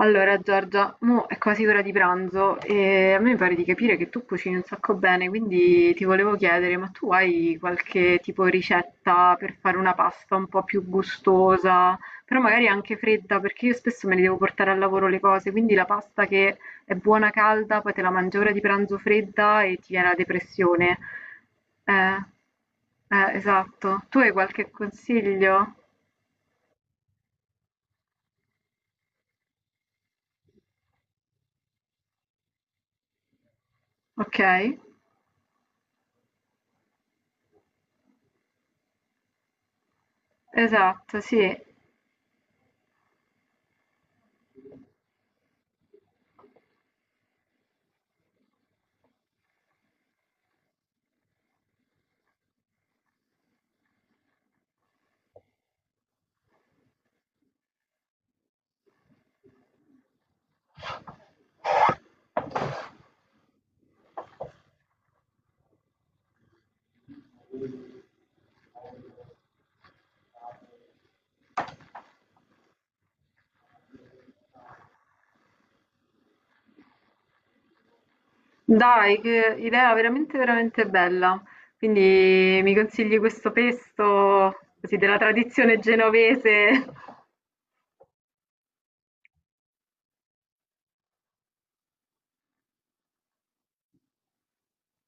Allora Giorgia, mo è quasi ora di pranzo e a me mi pare di capire che tu cucini un sacco bene, quindi ti volevo chiedere, ma tu hai qualche tipo ricetta per fare una pasta un po' più gustosa, però magari anche fredda, perché io spesso me ne devo portare al lavoro le cose, quindi la pasta che è buona calda, poi te la mangi ora di pranzo fredda e ti viene la depressione. Eh, esatto. Tu hai qualche consiglio? Ok, esatto, sì. Dai, che idea veramente, veramente bella. Quindi mi consigli questo pesto, così della tradizione genovese.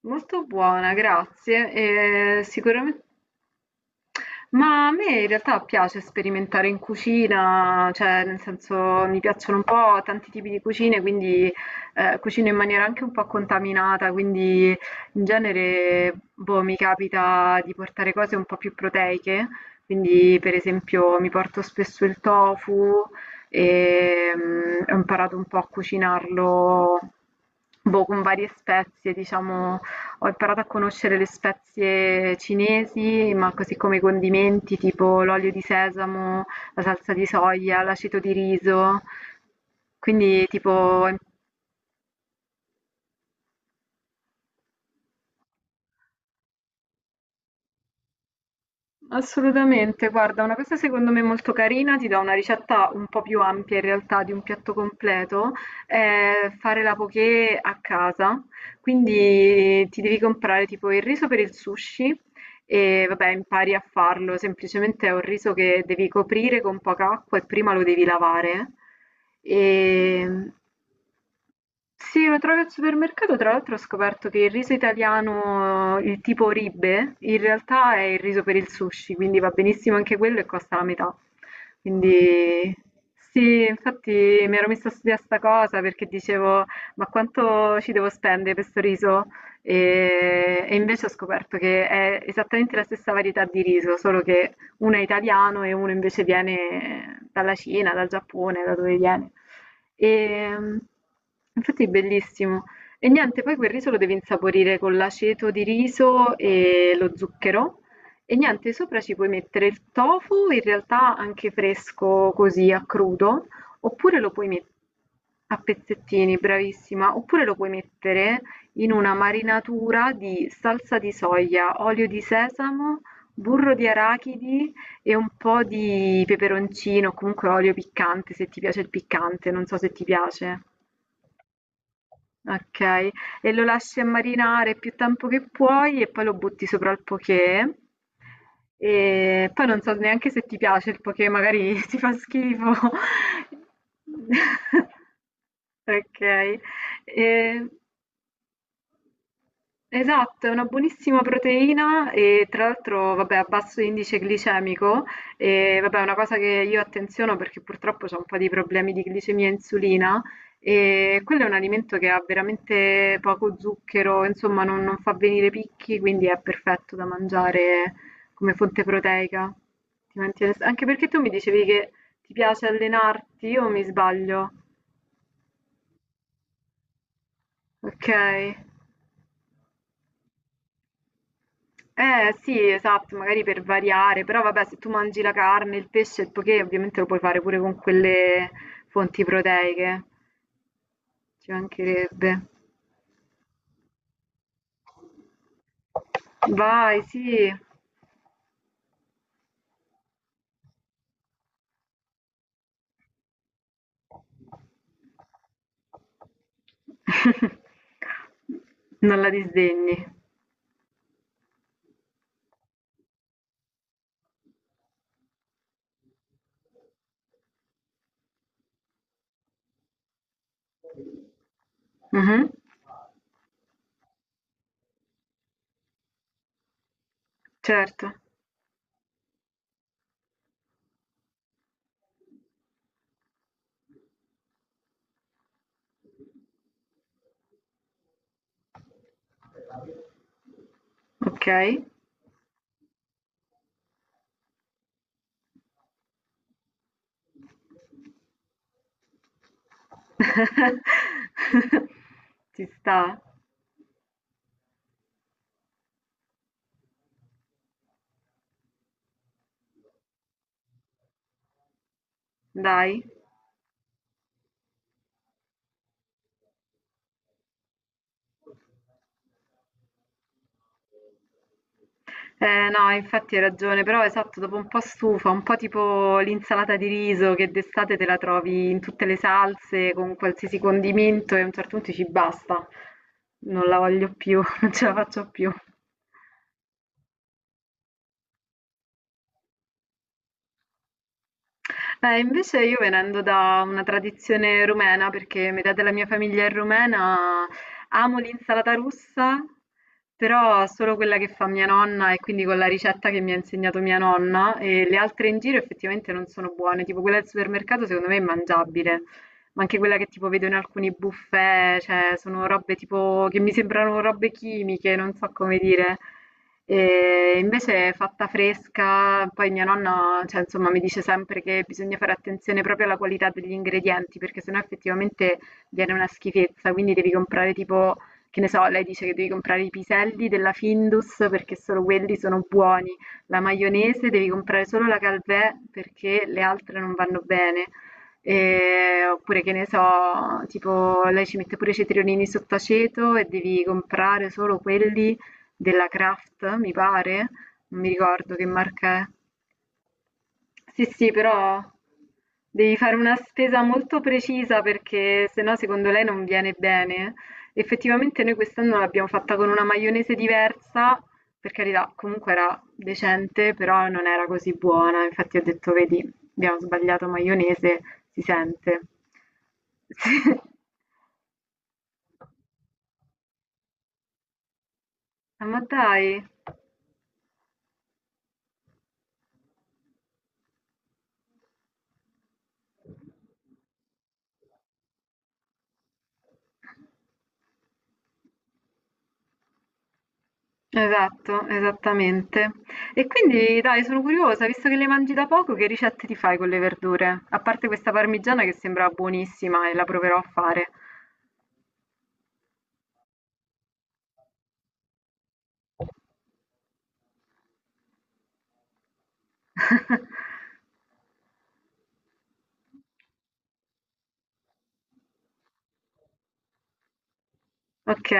Molto buona, grazie. E sicuramente. Ma a me in realtà piace sperimentare in cucina, cioè nel senso mi piacciono un po' tanti tipi di cucine, quindi cucino in maniera anche un po' contaminata, quindi in genere boh, mi capita di portare cose un po' più proteiche, quindi per esempio mi porto spesso il tofu e ho imparato un po' a cucinarlo boh, con varie spezie, diciamo ho imparato a conoscere le spezie cinesi, ma così come i condimenti tipo l'olio di sesamo, la salsa di soia, l'aceto di riso. Quindi tipo ho im- Assolutamente, guarda, una cosa secondo me molto carina, ti dà una ricetta un po' più ampia in realtà di un piatto completo, è fare la poké a casa. Quindi ti devi comprare tipo il riso per il sushi e vabbè, impari a farlo, semplicemente è un riso che devi coprire con poca acqua e prima lo devi lavare. E... Sì, lo trovi al supermercato, tra l'altro ho scoperto che il riso italiano, il tipo Ribe, in realtà è il riso per il sushi, quindi va benissimo anche quello e costa la metà. Quindi sì, infatti mi ero messa a studiare sta cosa perché dicevo, ma quanto ci devo spendere per sto riso? E invece ho scoperto che è esattamente la stessa varietà di riso, solo che uno è italiano e uno invece viene dalla Cina, dal Giappone, da dove viene. E, infatti è bellissimo. E niente, poi quel riso lo devi insaporire con l'aceto di riso e lo zucchero. E niente, sopra ci puoi mettere il tofu, in realtà anche fresco così a crudo, oppure lo puoi mettere a pezzettini, bravissima, oppure lo puoi mettere in una marinatura di salsa di soia, olio di sesamo, burro di arachidi e un po' di peperoncino, o comunque olio piccante, se ti piace il piccante, non so se ti piace. Okay, e lo lasci a marinare più tempo che puoi e poi lo butti sopra al poké. E poi non so neanche se ti piace il poké, magari ti fa schifo. Okay, ehm esatto, è una buonissima proteina e tra l'altro, vabbè, a basso indice glicemico e vabbè, è una cosa che io attenziono perché purtroppo ho un po' di problemi di glicemia e insulina e quello è un alimento che ha veramente poco zucchero, insomma, non fa venire picchi, quindi è perfetto da mangiare come fonte proteica. Ti mantiene- Anche perché tu mi dicevi che ti piace allenarti, io mi sbaglio? Ok. Eh sì, esatto, magari per variare, però vabbè, se tu mangi la carne, il pesce, il poké, ovviamente lo puoi fare pure con quelle fonti proteiche, ci mancherebbe. Vai, sì. Non la disdegni. Mhm. Certo, ok. Ci sta, dai. No, infatti hai ragione, però esatto, dopo un po' stufa, un po' tipo l'insalata di riso che d'estate te la trovi in tutte le salse, con qualsiasi condimento e a un certo punto dici basta, non la voglio più, non ce la faccio più. Invece io venendo da una tradizione rumena, perché metà della mia famiglia è rumena, amo l'insalata russa, però solo quella che fa mia nonna e quindi con la ricetta che mi ha insegnato mia nonna e le altre in giro effettivamente non sono buone, tipo quella del supermercato secondo me è mangiabile, ma anche quella che tipo vedo in alcuni buffet, cioè sono robe tipo che mi sembrano robe chimiche, non so come dire. E invece è fatta fresca, poi mia nonna, cioè, insomma, mi dice sempre che bisogna fare attenzione proprio alla qualità degli ingredienti, perché sennò effettivamente viene una schifezza, quindi devi comprare tipo, che ne so, lei dice che devi comprare i piselli della Findus perché solo quelli sono buoni, la maionese devi comprare solo la Calvé perché le altre non vanno bene. E- oppure che ne so, tipo lei ci mette pure i cetriolini sott'aceto e devi comprare solo quelli della Kraft, mi pare, non mi ricordo che marca è. Sì, sì, però devi fare una spesa molto precisa perché sennò secondo lei non viene bene. Effettivamente noi quest'anno l'abbiamo fatta con una maionese diversa, per carità, comunque era decente, però non era così buona. Infatti ho detto, vedi, abbiamo sbagliato maionese, si sente. Sì. Ah, ma dai. Esatto, esattamente. E quindi dai, sono curiosa, visto che le mangi da poco, che ricette ti fai con le verdure? A parte questa parmigiana che sembra buonissima e la proverò a fare. Ok,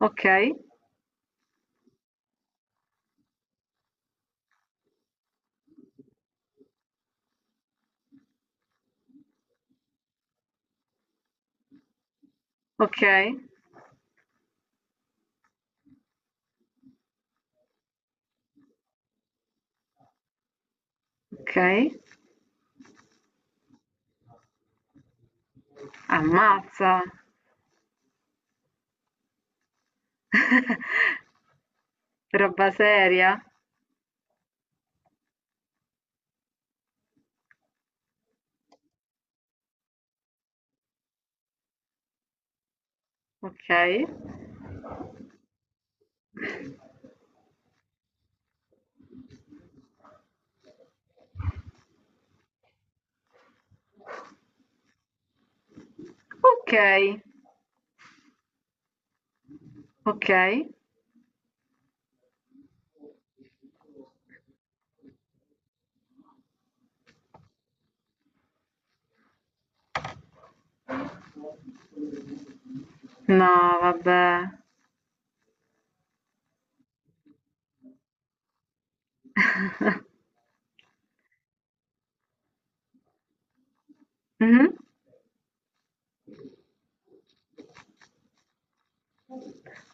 ok, ok, ok. Ammazza. Roba seria. Ok. Ok, ok. No, vabbè. Mhm.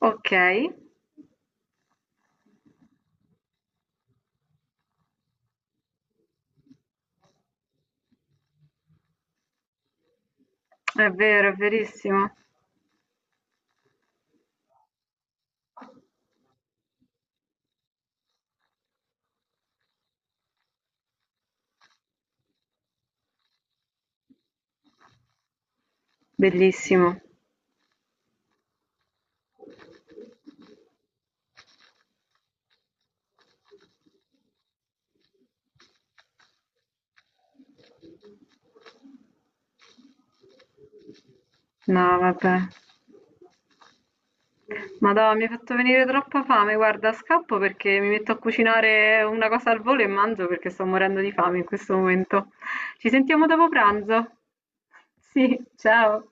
Ok, è vero, è verissimo. Bellissimo. No, vabbè. Madonna, mi hai fatto venire troppa fame. Guarda, scappo perché mi metto a cucinare una cosa al volo e mangio perché sto morendo di fame in questo momento. Ci sentiamo dopo pranzo. Sì, ciao.